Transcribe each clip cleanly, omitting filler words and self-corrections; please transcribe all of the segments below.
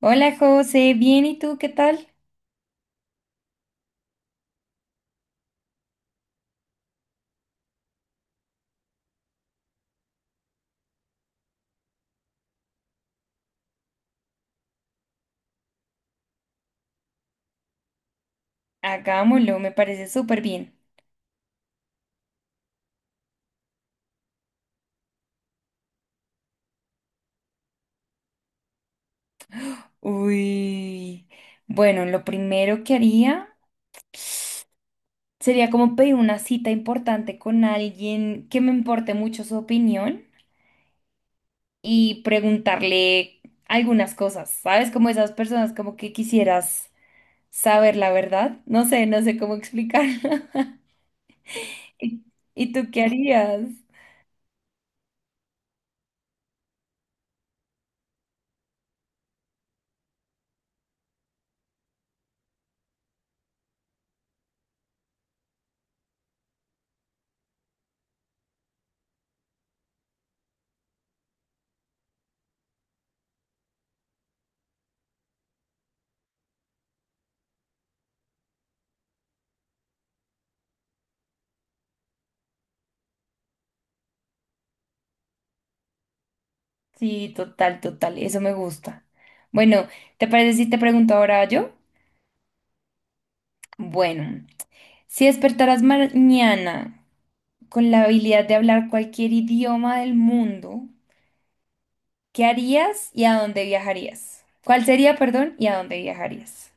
Hola José, bien, ¿y tú qué tal? Hagámoslo, me parece súper bien. Uy, bueno, lo primero que haría sería como pedir una cita importante con alguien que me importe mucho su opinión y preguntarle algunas cosas, ¿sabes? Como esas personas como que quisieras saber la verdad. No sé, no sé cómo explicar. ¿Y y tú qué harías? Sí, total, total, eso me gusta. Bueno, ¿te parece si te pregunto ahora yo? Bueno, si despertaras mañana con la habilidad de hablar cualquier idioma del mundo, ¿qué harías y a dónde viajarías? ¿Cuál sería, perdón, y a dónde viajarías?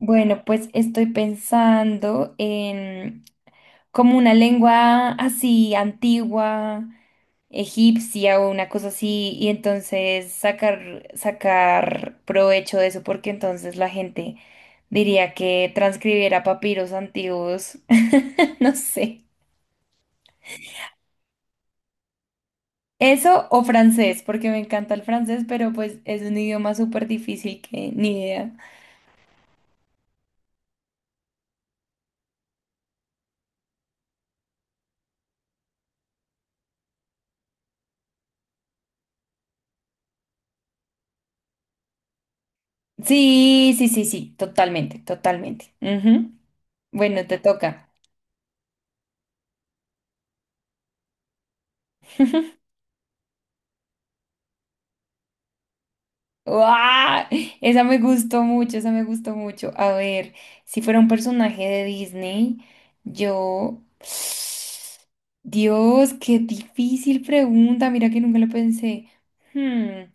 Bueno, pues estoy pensando en como una lengua así antigua, egipcia o una cosa así, y entonces sacar, sacar provecho de eso, porque entonces la gente diría que transcribiera papiros antiguos. No sé. Eso o francés, porque me encanta el francés, pero pues es un idioma súper difícil que ni idea. Sí, sí, sí, sí, totalmente, totalmente. Ujú. Bueno, te toca. ¡Uah! Esa me gustó mucho, esa me gustó mucho. A ver, si fuera un personaje de Disney, yo... Dios, qué difícil pregunta, mira que nunca lo pensé. Hmm.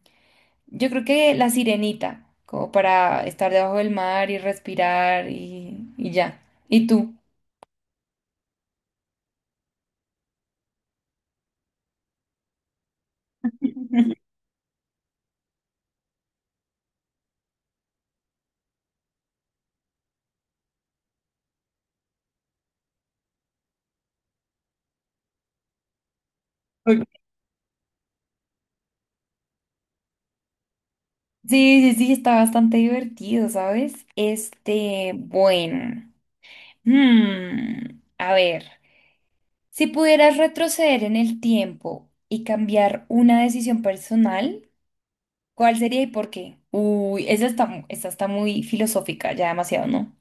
Yo creo que La Sirenita, como para estar debajo del mar y respirar y ya. ¿Y tú? Ok. Sí, sí, sí, está bastante divertido, ¿sabes? Este, bueno. A ver, si pudieras retroceder en el tiempo y cambiar una decisión personal, ¿cuál sería y por qué? Uy, esa está, esa está muy filosófica, ya demasiado, ¿no?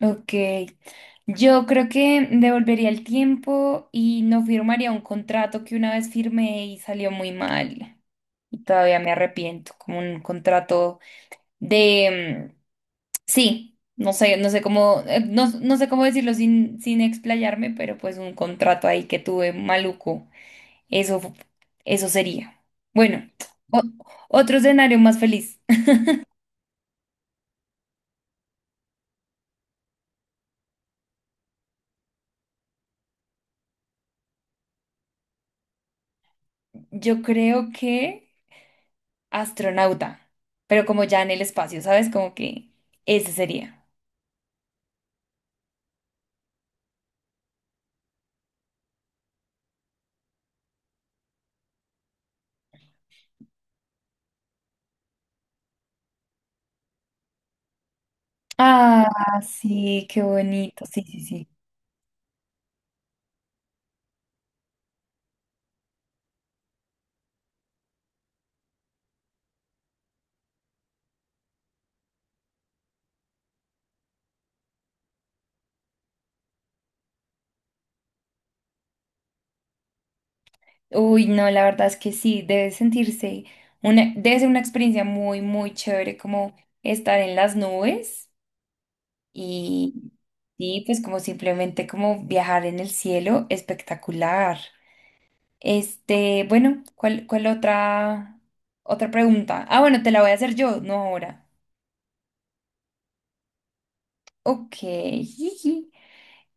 Ok, yo creo que devolvería el tiempo y no firmaría un contrato que una vez firmé y salió muy mal. Y todavía me arrepiento, como un contrato de... sí, no sé, no sé cómo, no sé cómo decirlo sin, sin explayarme, pero pues un contrato ahí que tuve maluco. Eso, eso sería. Bueno, o- otro escenario más feliz. Yo creo que... astronauta, pero como ya en el espacio, ¿sabes? Como que ese sería. Ah, sí, qué bonito. Sí, sí, sí. Uy, no, la verdad es que sí, debe sentirse una, debe ser una experiencia muy, muy chévere como estar en las nubes y, y pues como simplemente como viajar en el cielo, espectacular. Este, bueno, ¿cuál, cuál otra, otra pregunta? Ah, bueno, te la voy a hacer yo, no ahora. Ok.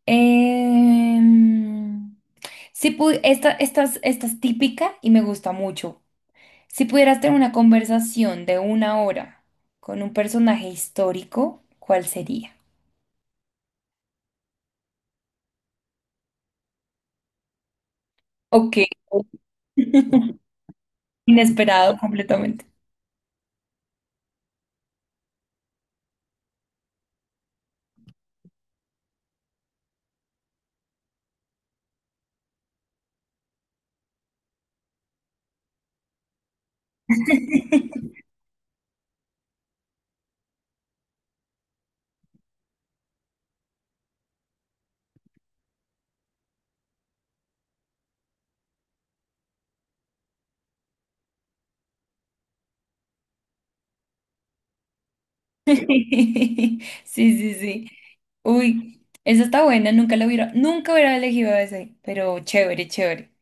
Em, si esta, esta es típica y me gusta mucho. Si pudieras tener una conversación de una hora con un personaje histórico, ¿cuál sería? Ok. Inesperado completamente. Sí, sí, sí. Uy, esa está buena, nunca la hubiera, nunca hubiera elegido ese, pero chévere, chévere.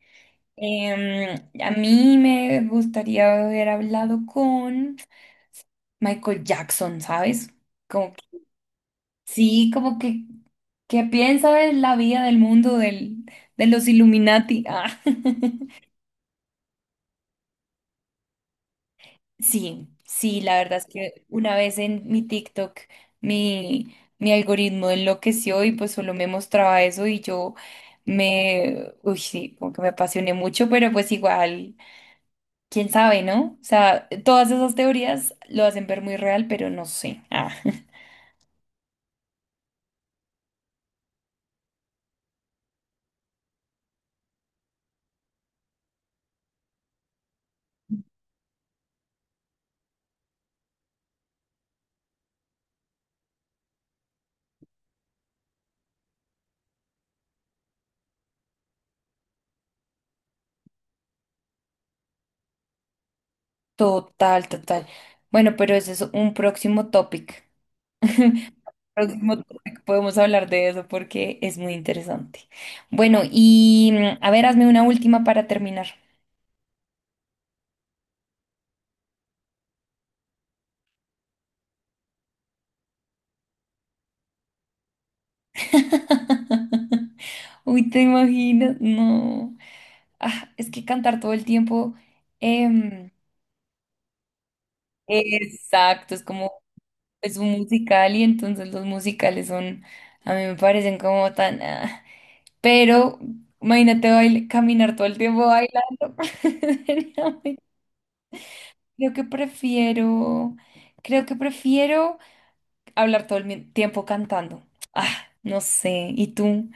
Em, a mí me gustaría haber hablado con... Michael Jackson, ¿sabes? Como que, sí, como que piensa de la vida del mundo del, de los Illuminati. Ah. Sí, sí, la verdad es que una vez en mi TikTok mi, mi algoritmo enloqueció y pues solo me mostraba eso y yo me, uy, sí, como que me apasioné mucho, pero pues igual, quién sabe, ¿no? O sea, todas esas teorías lo hacen ver muy real, pero no sé. Ah. Total, total. Bueno, pero ese es un próximo topic. Próximo topic, podemos hablar de eso porque es muy interesante. Bueno, y a ver, hazme una última para terminar. Uy, ¿te imaginas? No. Ah, es que cantar todo el tiempo. em, exacto, es como es un musical y entonces los musicales son, a mí me parecen como tan... ah. Pero imagínate caminar todo el tiempo bailando. No, creo que prefiero, creo que prefiero hablar todo el tiempo cantando. Ah, no sé. ¿Y tú?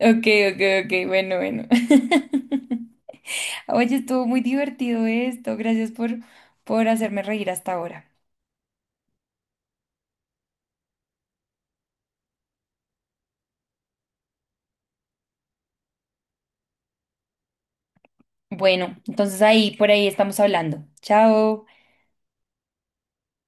Ok, ok, ok. Bueno, bueno. Oye, estuvo muy divertido esto. Gracias por hacerme reír hasta ahora. Bueno, entonces ahí, por ahí estamos hablando. Chao.